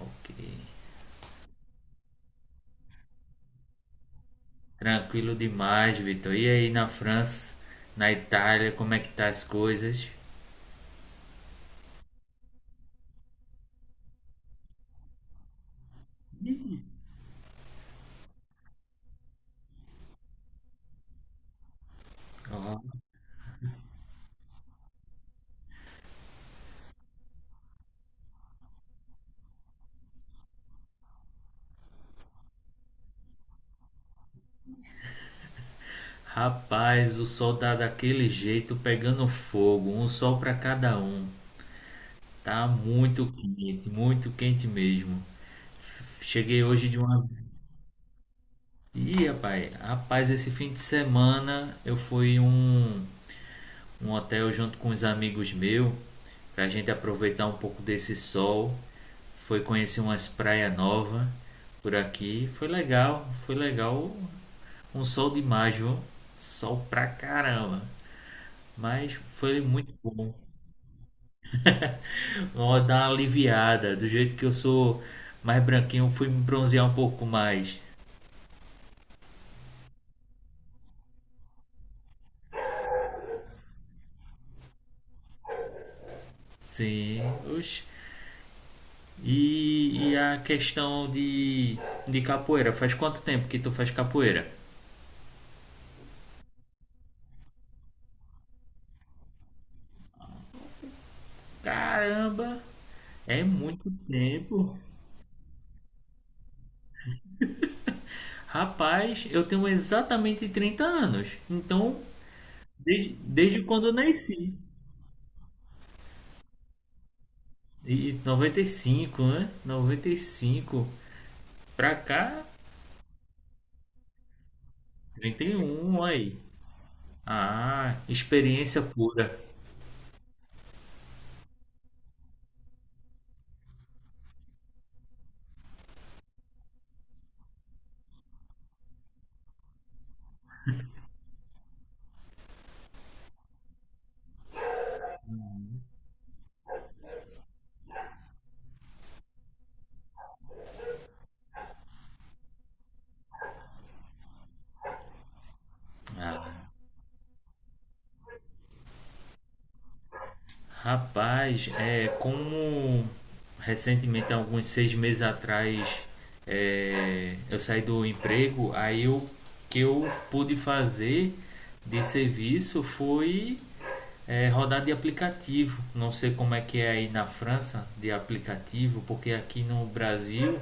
Ok. Tranquilo demais, Vitor. E aí na França, na Itália, como é que tá as coisas? Ó, rapaz, o sol tá daquele jeito pegando fogo, um sol pra cada um. Tá muito quente mesmo. Cheguei hoje de uma. Ih, rapaz, rapaz, esse fim de semana eu fui em um hotel junto com os amigos meus, pra gente aproveitar um pouco desse sol. Foi conhecer umas praias novas por aqui. Foi legal, foi legal. Um sol demais, viu? Sol pra caramba. Mas foi muito bom. Ó, dá uma aliviada. Do jeito que eu sou mais branquinho, eu fui me bronzear um pouco mais. Sim. Oxe. E a questão de capoeira. Faz quanto tempo que tu faz capoeira? Caramba! É muito tempo. Rapaz, eu tenho exatamente 30 anos. Então, desde quando eu nasci. E 95, né? 95 pra cá, trinta e um aí. Ah, experiência pura. Ah, rapaz, é como recentemente, há alguns 6 meses atrás, eu saí do emprego, aí o que eu pude fazer de serviço foi rodar de aplicativo. Não sei como é que é aí na França de aplicativo, porque aqui no Brasil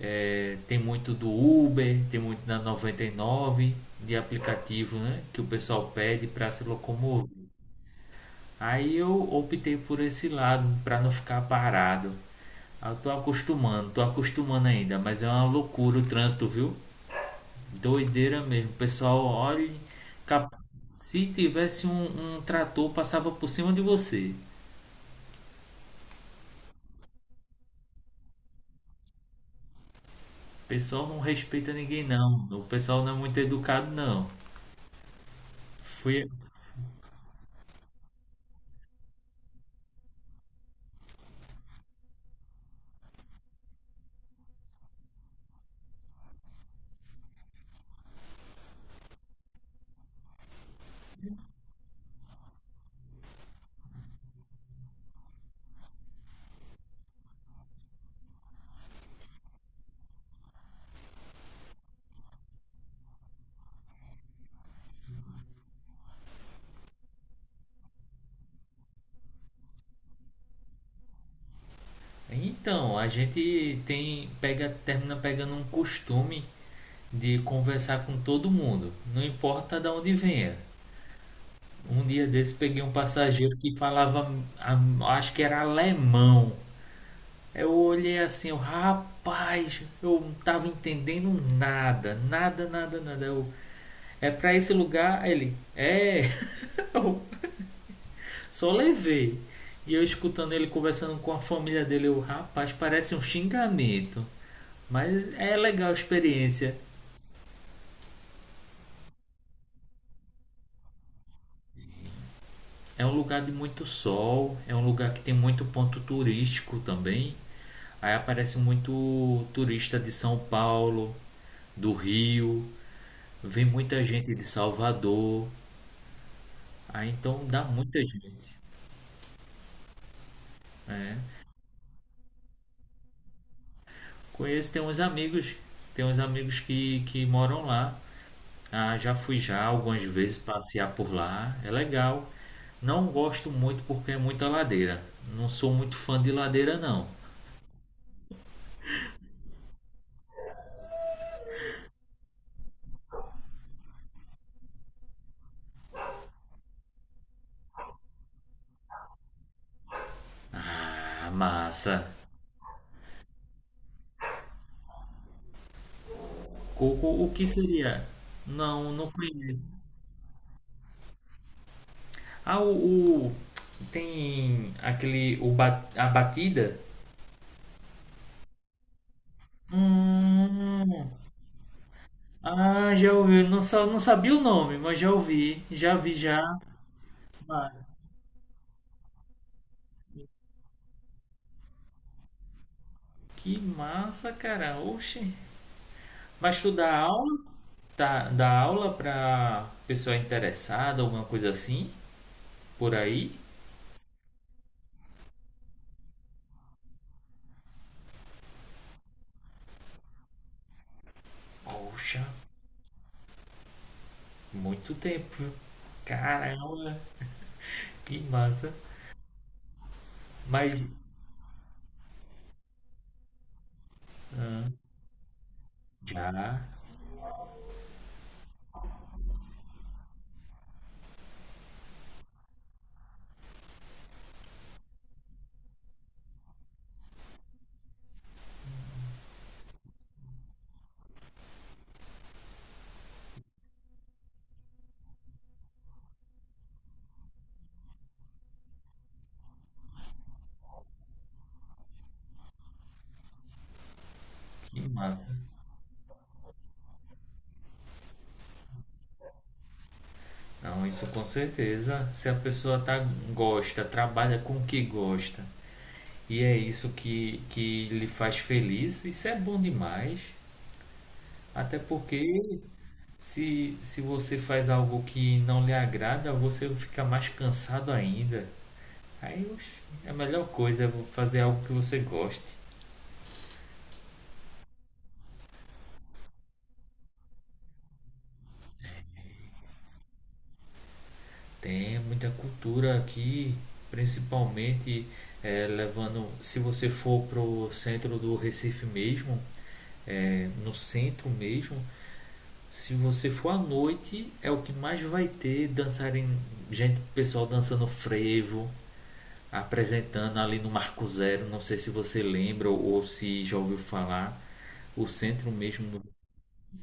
tem muito do Uber, tem muito da 99 de aplicativo, né, que o pessoal pede para se locomover. Aí eu optei por esse lado para não ficar parado. Ah, eu tô acostumando ainda, mas é uma loucura o trânsito, viu? Doideira mesmo. O pessoal olha, cap- se tivesse um trator passava por cima de você. O pessoal não respeita ninguém, não. O pessoal não é muito educado, não. Fui. Então, a gente tem pega termina pegando um costume de conversar com todo mundo, não importa de onde venha. Um dia desse peguei um passageiro que falava, acho que era alemão. Eu olhei assim, eu, rapaz, eu não tava entendendo nada, nada, nada, nada. Eu, é pra esse lugar? Ele, é. Só levei. E eu escutando ele conversando com a família dele, eu, rapaz, parece um xingamento. Mas é legal a experiência. É um lugar de muito sol, é um lugar que tem muito ponto turístico também. Aí aparece muito turista de São Paulo, do Rio, vem muita gente de Salvador. Aí então dá muita gente. É. Conheço, tem uns amigos que moram lá. Ah, já fui já algumas vezes passear por lá, é legal. Não gosto muito porque é muita ladeira. Não sou muito fã de ladeira, não. Ah, massa. Coco, o que seria? Não, não conheço. Ah, tem aquele a batida? Hum, ah, já ouvi. Não, não sabia o nome, mas já ouvi. Já vi já. Ah, que massa, cara. Oxe. Mas tu dá aula? Tá, dá aula pra pessoa interessada, alguma coisa assim, por aí? Poxa, muito tempo, viu? Caramba, que massa. Mas já, que massa. Não, isso com certeza. Se a pessoa tá, gosta, trabalha com o que gosta, e é isso que lhe faz feliz, isso é bom demais. Até porque se você faz algo que não lhe agrada, você fica mais cansado ainda. Aí oxe, é a melhor coisa é fazer algo que você goste. Tem muita cultura aqui, principalmente levando, se você for pro centro do Recife mesmo, no centro mesmo, se você for à noite, é o que mais vai ter dançarem, gente, pessoal dançando frevo, apresentando ali no Marco Zero, não sei se você lembra ou se já ouviu falar, o centro mesmo do.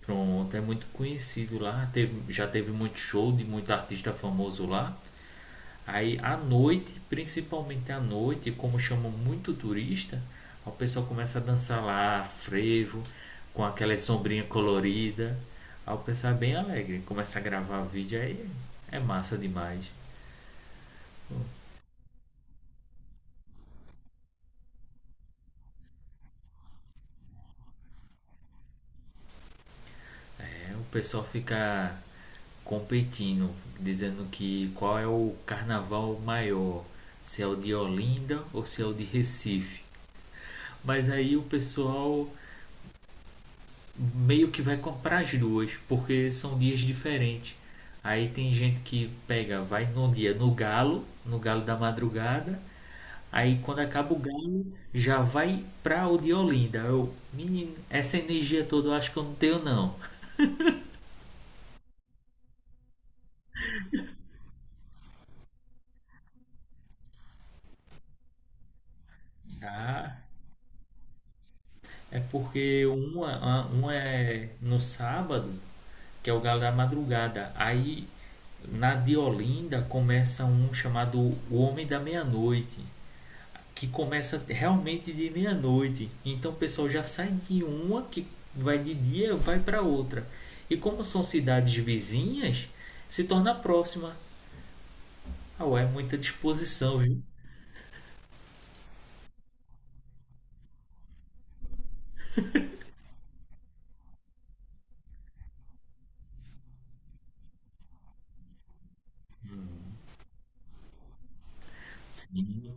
Pronto, é muito conhecido lá. Teve, já teve muito show de muito artista famoso lá. Aí à noite, principalmente à noite, como chamam muito turista, o pessoal começa a dançar lá, frevo, com aquela sombrinha colorida. Aí o pessoal é bem alegre, começa a gravar vídeo aí, é massa demais. É, o pessoal fica competindo, dizendo que qual é o carnaval maior, se é o de Olinda ou se é o de Recife. Mas aí o pessoal meio que vai comprar as duas, porque são dias diferentes. Aí tem gente que pega, vai num dia no galo, no galo da madrugada. Aí quando acaba o galo, já vai pra o de Olinda. Eu, menino, essa energia toda eu acho que eu não tenho não. Ah, é porque uma é no sábado, que é o galo da madrugada. Aí na de Olinda começa um chamado O Homem da Meia-Noite, que começa realmente de meia-noite. Então o pessoal já sai de uma que vai de dia, vai para outra. E como são cidades vizinhas, se torna próxima. Ah, ué, muita disposição, viu? Sim.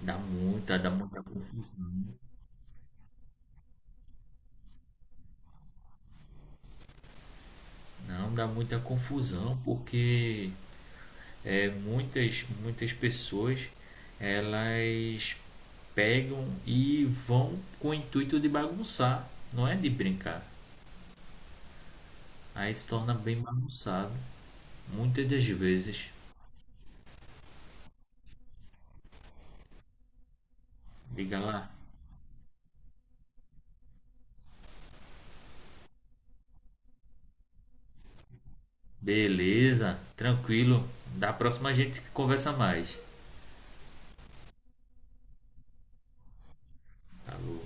Dá muita confusão. Não, dá muita confusão, porque muitas, muitas pessoas, elas pegam e vão com o intuito de bagunçar, não é de brincar. Aí se torna bem bagunçado, muitas das vezes. Liga lá. Beleza, tranquilo. Da próxima a gente conversa mais. Falou.